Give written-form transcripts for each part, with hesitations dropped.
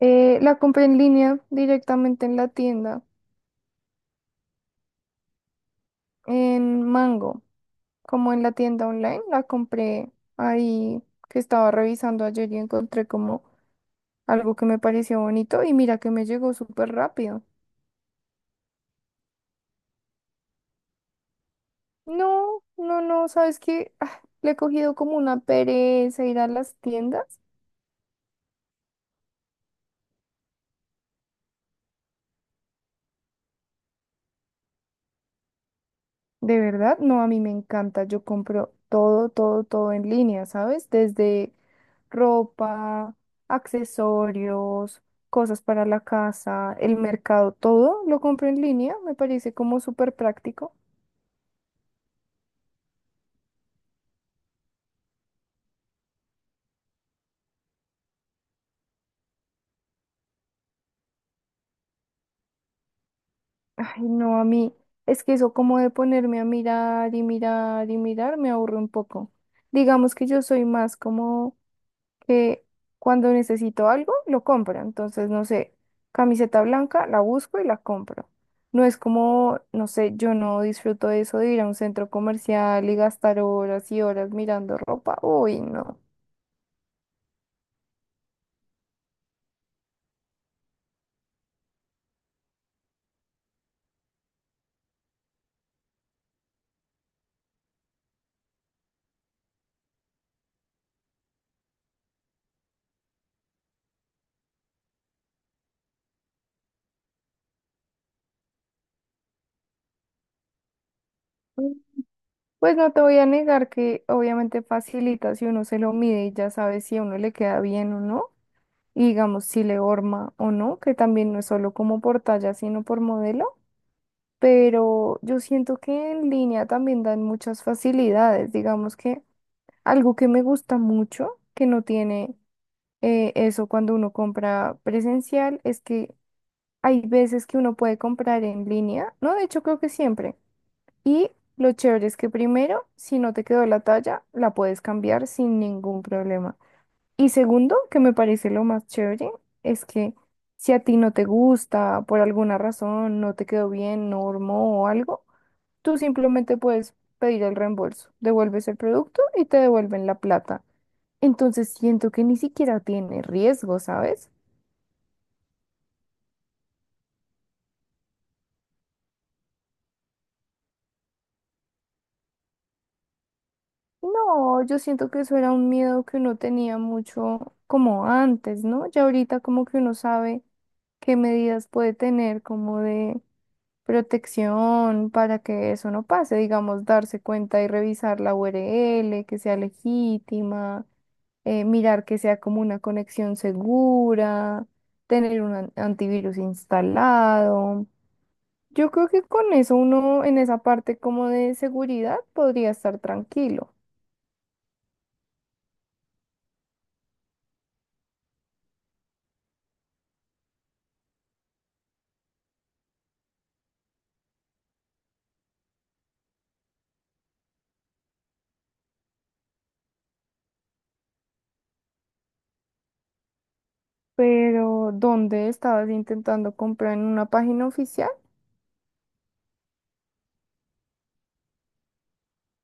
La compré en línea directamente en la tienda, en Mango, como en la tienda online. La compré ahí que estaba revisando ayer y encontré como algo que me pareció bonito y mira que me llegó súper rápido. No, no, no, ¿sabes qué? Le he cogido como una pereza ir a las tiendas. De verdad, no, a mí me encanta. Yo compro todo, todo, todo en línea, ¿sabes? Desde ropa, accesorios, cosas para la casa, el mercado, todo lo compro en línea. Me parece como súper práctico. Ay, no, a mí, es que eso como de ponerme a mirar y mirar y mirar me aburre un poco. Digamos que yo soy más como que cuando necesito algo, lo compro. Entonces, no sé, camiseta blanca, la busco y la compro. No es como, no sé, yo no disfruto de eso de ir a un centro comercial y gastar horas y horas mirando ropa. Uy, no. Pues no te voy a negar que obviamente facilita si uno se lo mide y ya sabe si a uno le queda bien o no, y digamos si le horma o no, que también no es solo como por talla, sino por modelo. Pero yo siento que en línea también dan muchas facilidades. Digamos que algo que me gusta mucho, que no tiene eso cuando uno compra presencial, es que hay veces que uno puede comprar en línea, ¿no? De hecho, creo que siempre. Y lo chévere es que primero, si no te quedó la talla, la puedes cambiar sin ningún problema. Y segundo, que me parece lo más chévere, es que... si a ti no te gusta, por alguna razón, no te quedó bien, no hormó o algo, tú simplemente puedes pedir el reembolso, devuelves el producto y te devuelven la plata. Entonces siento que ni siquiera tiene riesgo, ¿sabes? No, yo siento que eso era un miedo que uno tenía mucho como antes, ¿no? Ya ahorita como que uno sabe qué medidas puede tener, como de protección para que eso no pase, digamos, darse cuenta y revisar la URL, que sea legítima, mirar que sea como una conexión segura, tener un antivirus instalado. Yo creo que con eso uno en esa parte como de seguridad podría estar tranquilo. Pero, ¿dónde estabas intentando comprar en una página oficial?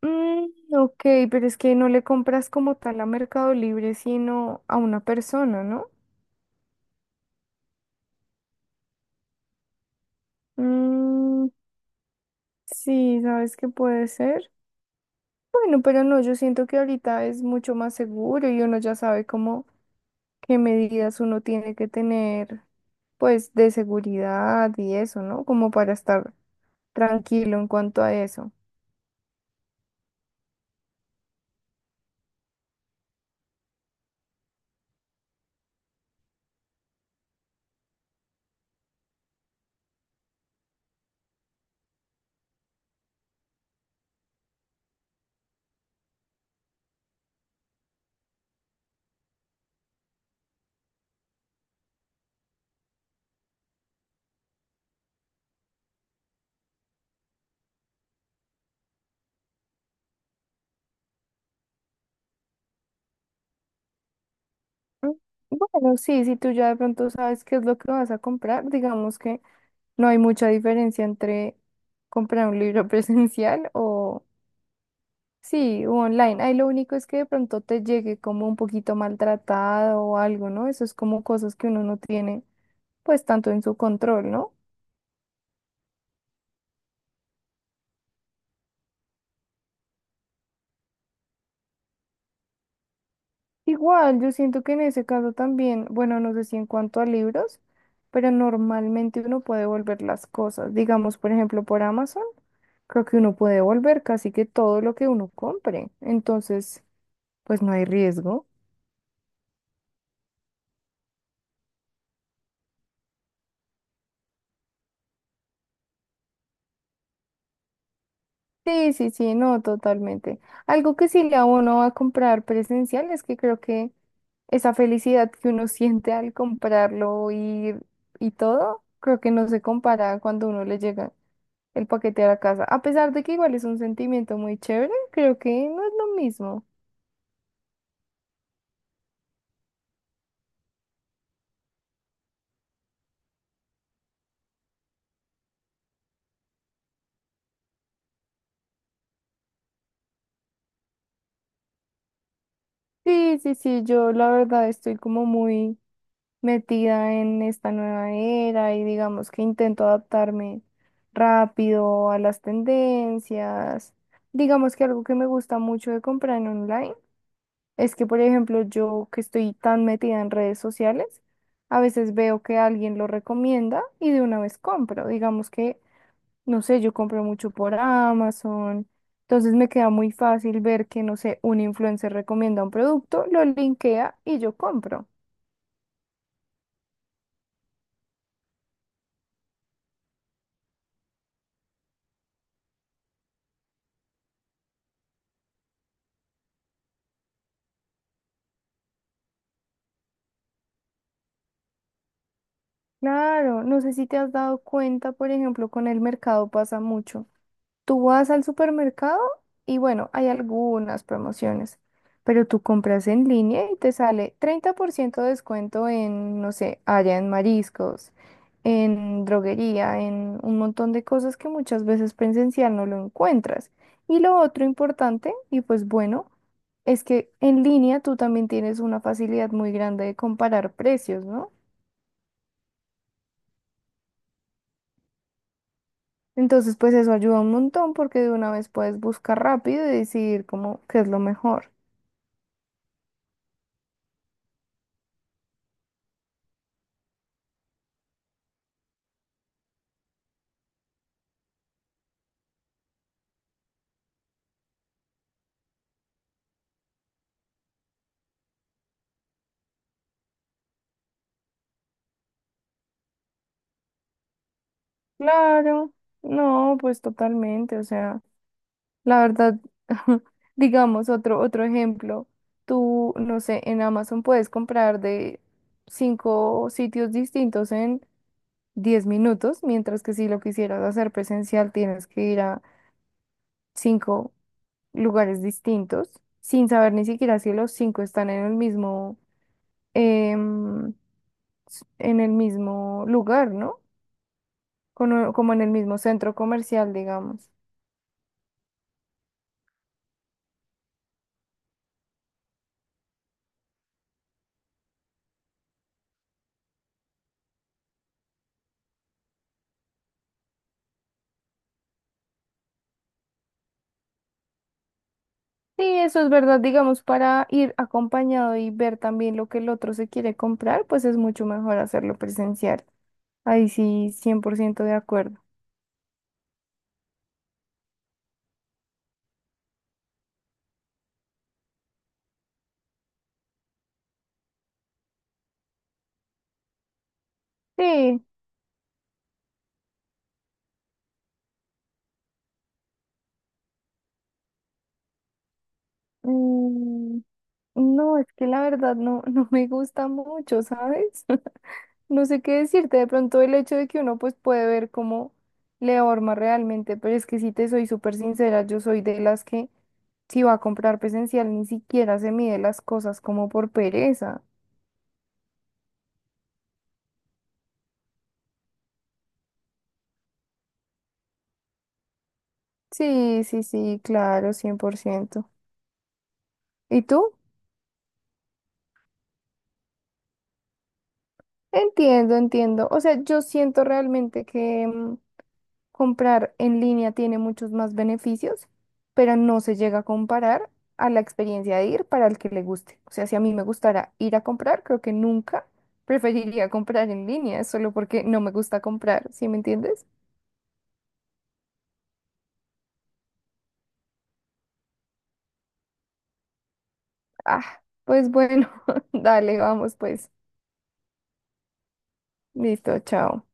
Mm, ok, pero es que no le compras como tal a Mercado Libre, sino a una persona, ¿no? Mm, sí, ¿sabes qué puede ser? Bueno, pero no, yo siento que ahorita es mucho más seguro y uno ya sabe cómo qué medidas uno tiene que tener, pues, de seguridad y eso, ¿no? Como para estar tranquilo en cuanto a eso. Mm, bueno, sí, si tú ya de pronto sabes qué es lo que vas a comprar, digamos que no hay mucha diferencia entre comprar un libro presencial o sí, u online. Ahí lo único es que de pronto te llegue como un poquito maltratado o algo, ¿no? Eso es como cosas que uno no tiene pues tanto en su control, ¿no? Igual, yo siento que en ese caso también, bueno, no sé si en cuanto a libros, pero normalmente uno puede volver las cosas. Digamos, por ejemplo, por Amazon, creo que uno puede volver casi que todo lo que uno compre. Entonces, pues no hay riesgo. Sí, sí, sí, no, totalmente. Algo que sí le da uno a comprar presencial es que creo que esa felicidad que uno siente al comprarlo y todo, creo que no se compara cuando uno le llega el paquete a la casa. A pesar de que igual es un sentimiento muy chévere, creo que no es lo mismo. Sí, sí, sí, yo la verdad estoy como muy... metida en esta nueva era y digamos que intento adaptarme rápido a las tendencias. Digamos que algo que me gusta mucho de comprar en online es que, por ejemplo, yo que estoy tan metida en redes sociales, a veces veo que alguien lo recomienda y de una vez compro. Digamos que, no sé, yo compro mucho por Amazon. Entonces me queda muy fácil ver que, no sé, un influencer recomienda un producto, lo linkea y yo compro. Claro, no sé si te has dado cuenta, por ejemplo, con el mercado pasa mucho. Tú vas al supermercado y bueno, hay algunas promociones, pero tú compras en línea y te sale 30% de descuento en, no sé, allá en mariscos, en droguería, en un montón de cosas que muchas veces presencial no lo encuentras. Y lo otro importante, y pues bueno, es que en línea tú también tienes una facilidad muy grande de comparar precios, ¿no? Entonces, pues eso ayuda un montón porque de una vez puedes buscar rápido y decidir como qué es lo mejor. Claro, no, pues totalmente, o sea, la verdad, digamos otro ejemplo, tú, no sé, en Amazon puedes comprar de 5 sitios distintos en 10 minutos, mientras que si lo quisieras hacer presencial tienes que ir a 5 lugares distintos sin saber ni siquiera si los 5 están en el mismo... em, en el mismo lugar, ¿no? Como en el mismo centro comercial, digamos. Sí, eso es verdad, digamos, para ir acompañado y ver también lo que el otro se quiere comprar, pues es mucho mejor hacerlo presencial. Ahí sí, 100% de acuerdo. Sí, mm, no, es que la verdad no, no me gusta mucho, ¿sabes? No sé qué decirte, de pronto el hecho de que uno pues puede ver cómo le horma realmente, pero es que si te soy súper sincera, yo soy de las que si va a comprar presencial ni siquiera se mide las cosas como por pereza. Sí, sí, sí, claro, cien por ciento. ¿Y tú? Entiendo, entiendo. O sea, yo siento realmente que... mm, comprar en línea tiene muchos más beneficios, pero no se llega a comparar a la experiencia de ir para el que le guste. O sea, si a mí me gustara ir a comprar, creo que nunca preferiría comprar en línea, solo porque no me gusta comprar, ¿sí me entiendes? Ah, pues bueno, dale, vamos pues. Listo, chao.